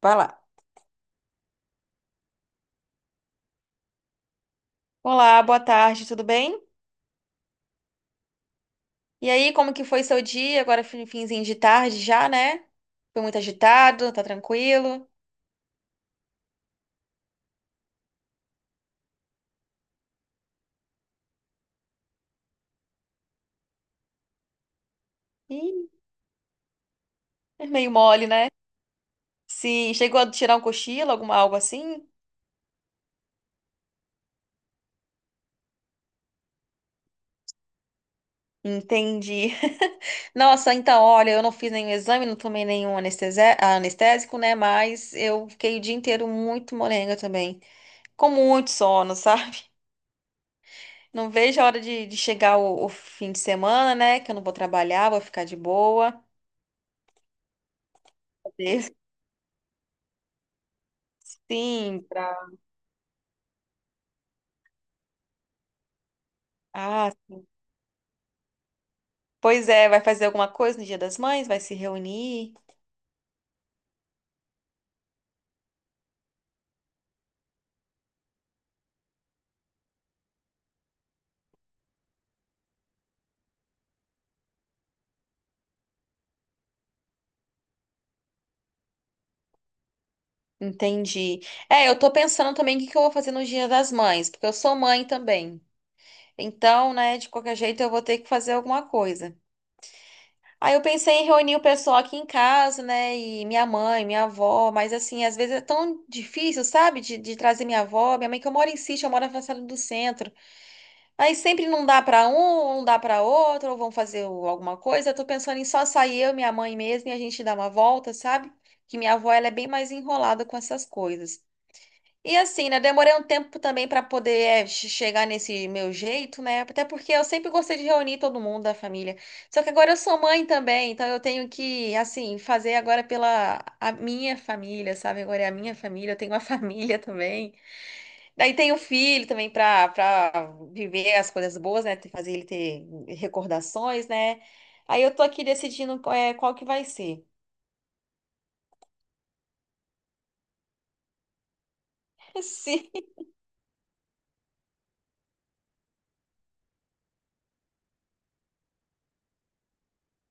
Vai lá. Olá, boa tarde, tudo bem? E aí, como que foi seu dia? Agora finzinho de tarde já, né? Foi muito agitado, tá tranquilo? Ih, é meio mole, né? Sim, chegou a tirar um cochilo, alguma algo assim? Entendi. Nossa, então, olha, eu não fiz nenhum exame, não tomei nenhum anestésico, né? Mas eu fiquei o dia inteiro muito molenga também, com muito sono, sabe? Não vejo a hora de chegar o fim de semana, né? Que eu não vou trabalhar, vou ficar de boa. Sim, pra... Ah, pois é, vai fazer alguma coisa no Dia das Mães? Vai se reunir? Entendi. É, eu tô pensando também o que que eu vou fazer no Dia das Mães, porque eu sou mãe também. Então, né, de qualquer jeito eu vou ter que fazer alguma coisa. Aí eu pensei em reunir o pessoal aqui em casa, né, e minha mãe, minha avó, mas assim, às vezes é tão difícil, sabe, de trazer minha avó, minha mãe que eu moro em sítio, eu moro na França do Centro. Aí sempre não dá pra um, ou não dá pra outro, ou vão alguma coisa. Eu tô pensando em só sair eu, minha mãe mesmo, e a gente dar uma volta, sabe? Que minha avó, ela é bem mais enrolada com essas coisas. E assim, né? Demorei um tempo também pra poder é, chegar nesse meu jeito, né? Até porque eu sempre gostei de reunir todo mundo da família. Só que agora eu sou mãe também, então eu tenho que, assim, fazer agora pela a minha família, sabe? Agora é a minha família, eu tenho uma família também. Daí tem o filho também para viver as coisas boas, né? Fazer ele ter recordações, né? Aí eu tô aqui decidindo qual, é, qual que vai ser. Sim,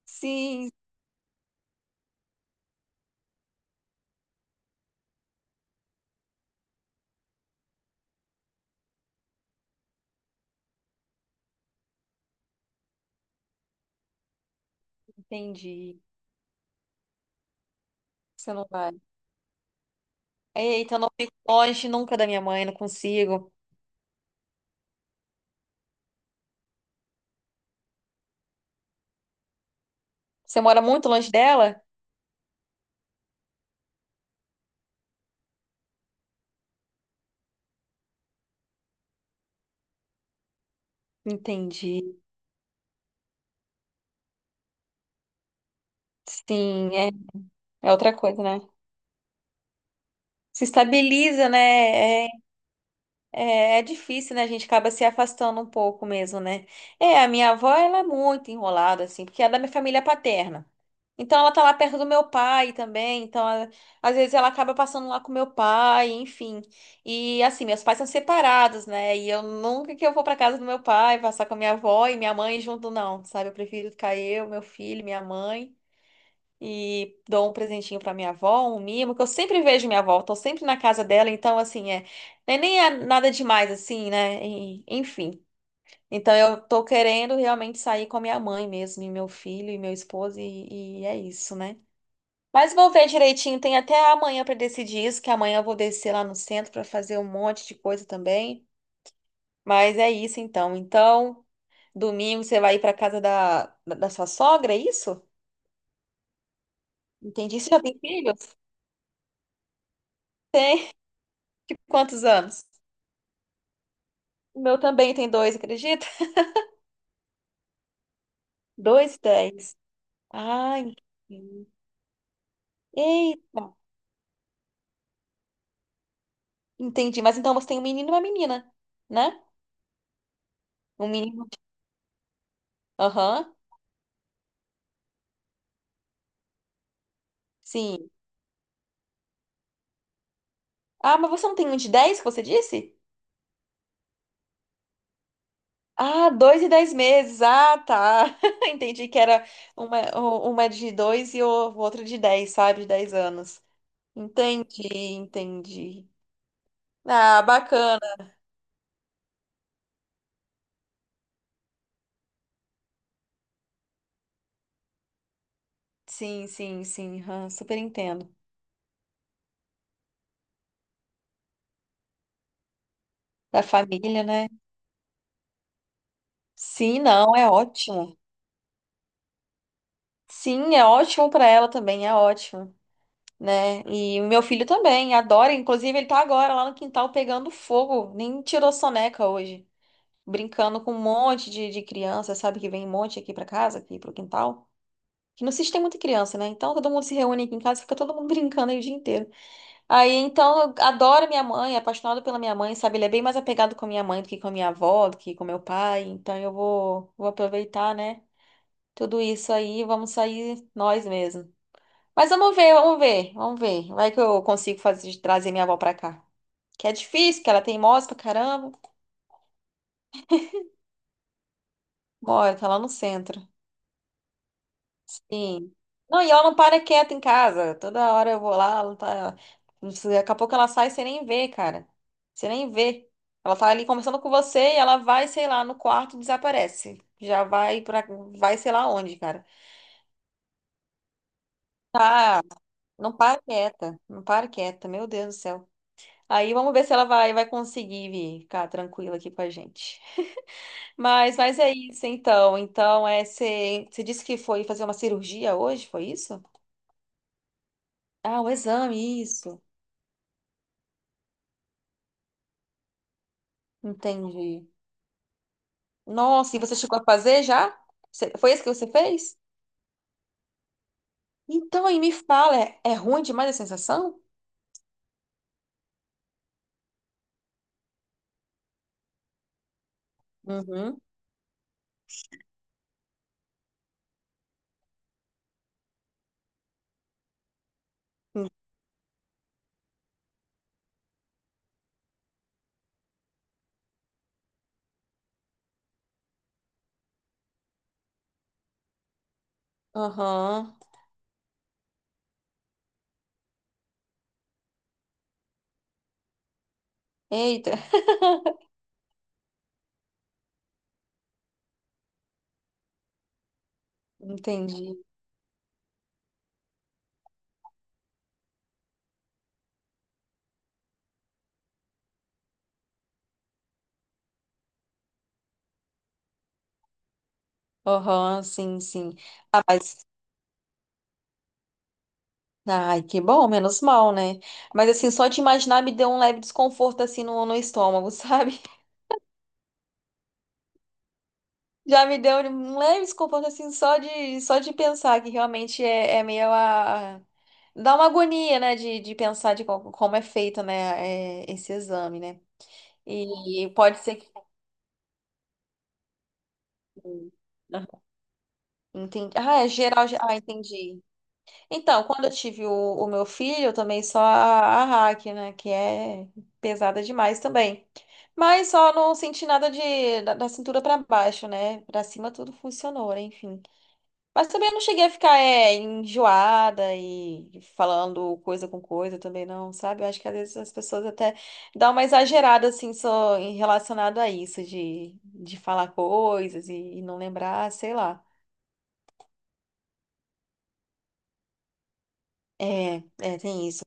sim, entendi. Você não vai. Eita, eu não fico longe nunca da minha mãe, não consigo. Você mora muito longe dela? Entendi. Sim, é, é outra coisa, né? Se estabiliza, né? É, É, é difícil, né? A gente acaba se afastando um pouco mesmo, né? É, a minha avó, ela é muito enrolada, assim, porque ela é da minha família paterna. Então, ela tá lá perto do meu pai também. Então, às vezes ela acaba passando lá com meu pai, enfim. E, assim, meus pais são separados, né? E eu nunca que eu vou pra casa do meu pai, passar com a minha avó e minha mãe junto, não, sabe? Eu prefiro ficar eu, meu filho, minha mãe e dou um presentinho pra minha avó, um mimo, que eu sempre vejo minha avó, tô sempre na casa dela, então assim, é, nem é nada demais assim, né? Enfim. Então eu tô querendo realmente sair com a minha mãe mesmo, e meu filho e meu esposo e é isso, né? Mas vou ver direitinho, tem até amanhã pra decidir isso, que amanhã eu vou descer lá no centro pra fazer um monte de coisa também. Mas é isso então. Então, domingo você vai ir pra casa da sua sogra, é isso? Entendi. Você já tem filhos? Tem. Tipo, quantos anos? O meu também tem dois, acredita? Dois dez. Ah, entendi. Eita. Entendi. Mas então você tem um menino e uma menina, né? Um menino. Aham. Sim. Ah, mas você não tem um de 10 que você disse? Ah, dois e dez meses. Ah, tá. Entendi que era uma, uma de dois e o outro de dez, sabe? De 10 anos. Entendi, entendi. Ah, bacana. Sim, sim, sim. Aham, super entendo. Da família, né? Sim, não, é ótimo. Sim, é ótimo para ela também, é ótimo, né? E o meu filho também adora, inclusive ele tá agora lá no quintal pegando fogo, nem tirou soneca hoje, brincando com um monte de criança, sabe que vem um monte aqui para casa, aqui pro quintal. Que no sítio tem muita criança, né? Então todo mundo se reúne aqui em casa, e fica todo mundo brincando aí o dia inteiro. Aí então eu adoro minha mãe, é apaixonado pela minha mãe, sabe? Ele é bem mais apegado com a minha mãe do que com a minha avó, do que com meu pai. Então eu vou, vou aproveitar, né? Tudo isso aí, vamos sair nós mesmos. Mas vamos ver, vamos ver, vamos ver. Vai que eu consigo fazer, trazer minha avó pra cá. Que é difícil, que ela tem moça pra caramba. Bora, tá lá no centro. Sim. Não, e ela não para quieta em casa. Toda hora eu vou lá, ela tá... não sei, daqui a pouco ela sai, e você nem vê, cara. Você nem vê. Ela tá ali conversando com você e ela vai, sei lá, no quarto, desaparece. Já vai pra... Vai sei lá onde, cara. Tá, não para quieta, não para quieta, meu Deus do céu. Aí vamos ver se ela vai, vai conseguir vir ficar tranquila aqui com a gente. Mas é isso então. Então, é, você disse que foi fazer uma cirurgia hoje, foi isso? Ah, o exame, isso. Entendi. Nossa, e você chegou a fazer já? Foi isso que você fez? Então, aí me fala, é, é ruim demais a sensação? Uhum. Aham. Eita, entendi. Aham, sim, sim. Ai, que bom, menos mal, né? Mas assim, só de imaginar me deu um leve desconforto assim no, no estômago, sabe? Já me deu um leve desconforto assim só de pensar que realmente é, é meio a dá uma agonia, né, de pensar de como é feito, né, é, esse exame, né? E pode ser que aham. Entendi. Ah, é geral. Ah, entendi. Então, quando eu tive o meu filho, eu tomei só a hack, né? Que é pesada demais também. Mas só não senti nada de, da cintura pra baixo, né? Pra cima tudo funcionou, né, enfim. Mas também não cheguei a ficar é, enjoada e falando coisa com coisa também, não, sabe? Eu acho que às vezes as pessoas até dão uma exagerada, assim, só em relacionado a isso, de falar coisas e não lembrar, sei lá. É, é, tem isso.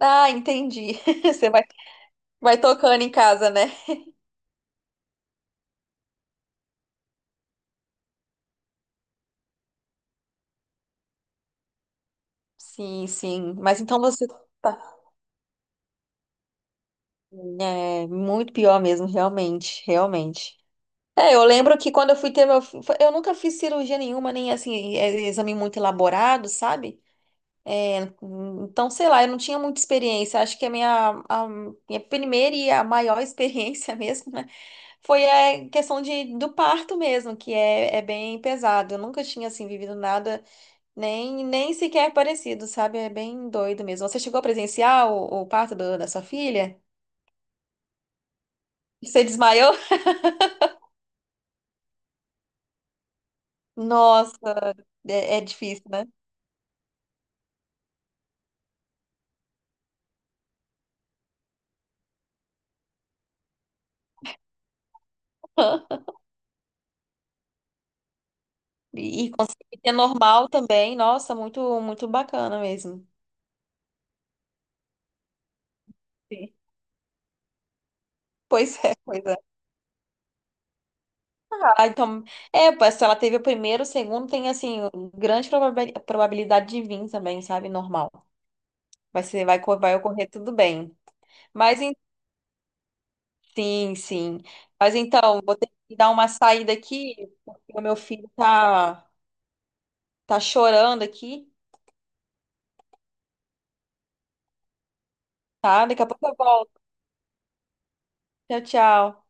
Ah, entendi. Você vai. Vai tocando em casa, né? Sim, sim. Mas então você tá. É muito pior mesmo, realmente, realmente. É, eu lembro que quando eu fui ter meu. Eu nunca fiz cirurgia nenhuma, nem assim, é, exame muito elaborado, sabe? É, então, sei lá, eu não tinha muita experiência. Acho que a minha primeira e a maior experiência mesmo, né? Foi a questão de, do parto mesmo, que é, é bem pesado. Eu nunca tinha, assim, vivido nada. Nem, nem sequer é parecido, sabe? É bem doido mesmo. Você chegou a presenciar o parto da sua filha? Você desmaiou? Nossa, é, é difícil, né? E, e conseguir ter normal também. Nossa, muito, muito bacana mesmo. Sim. Pois é, pois é. Ah, então, é, pois se ela teve o primeiro, o segundo, tem, assim, grande probabilidade de vir também, sabe? Normal. Vai ser, vai, vai ocorrer tudo bem. Mas sim, sim. Mas então, vou ter que dar uma saída aqui, porque o meu filho tá, tá chorando aqui, tá? Daqui a pouco eu volto. Tchau, tchau.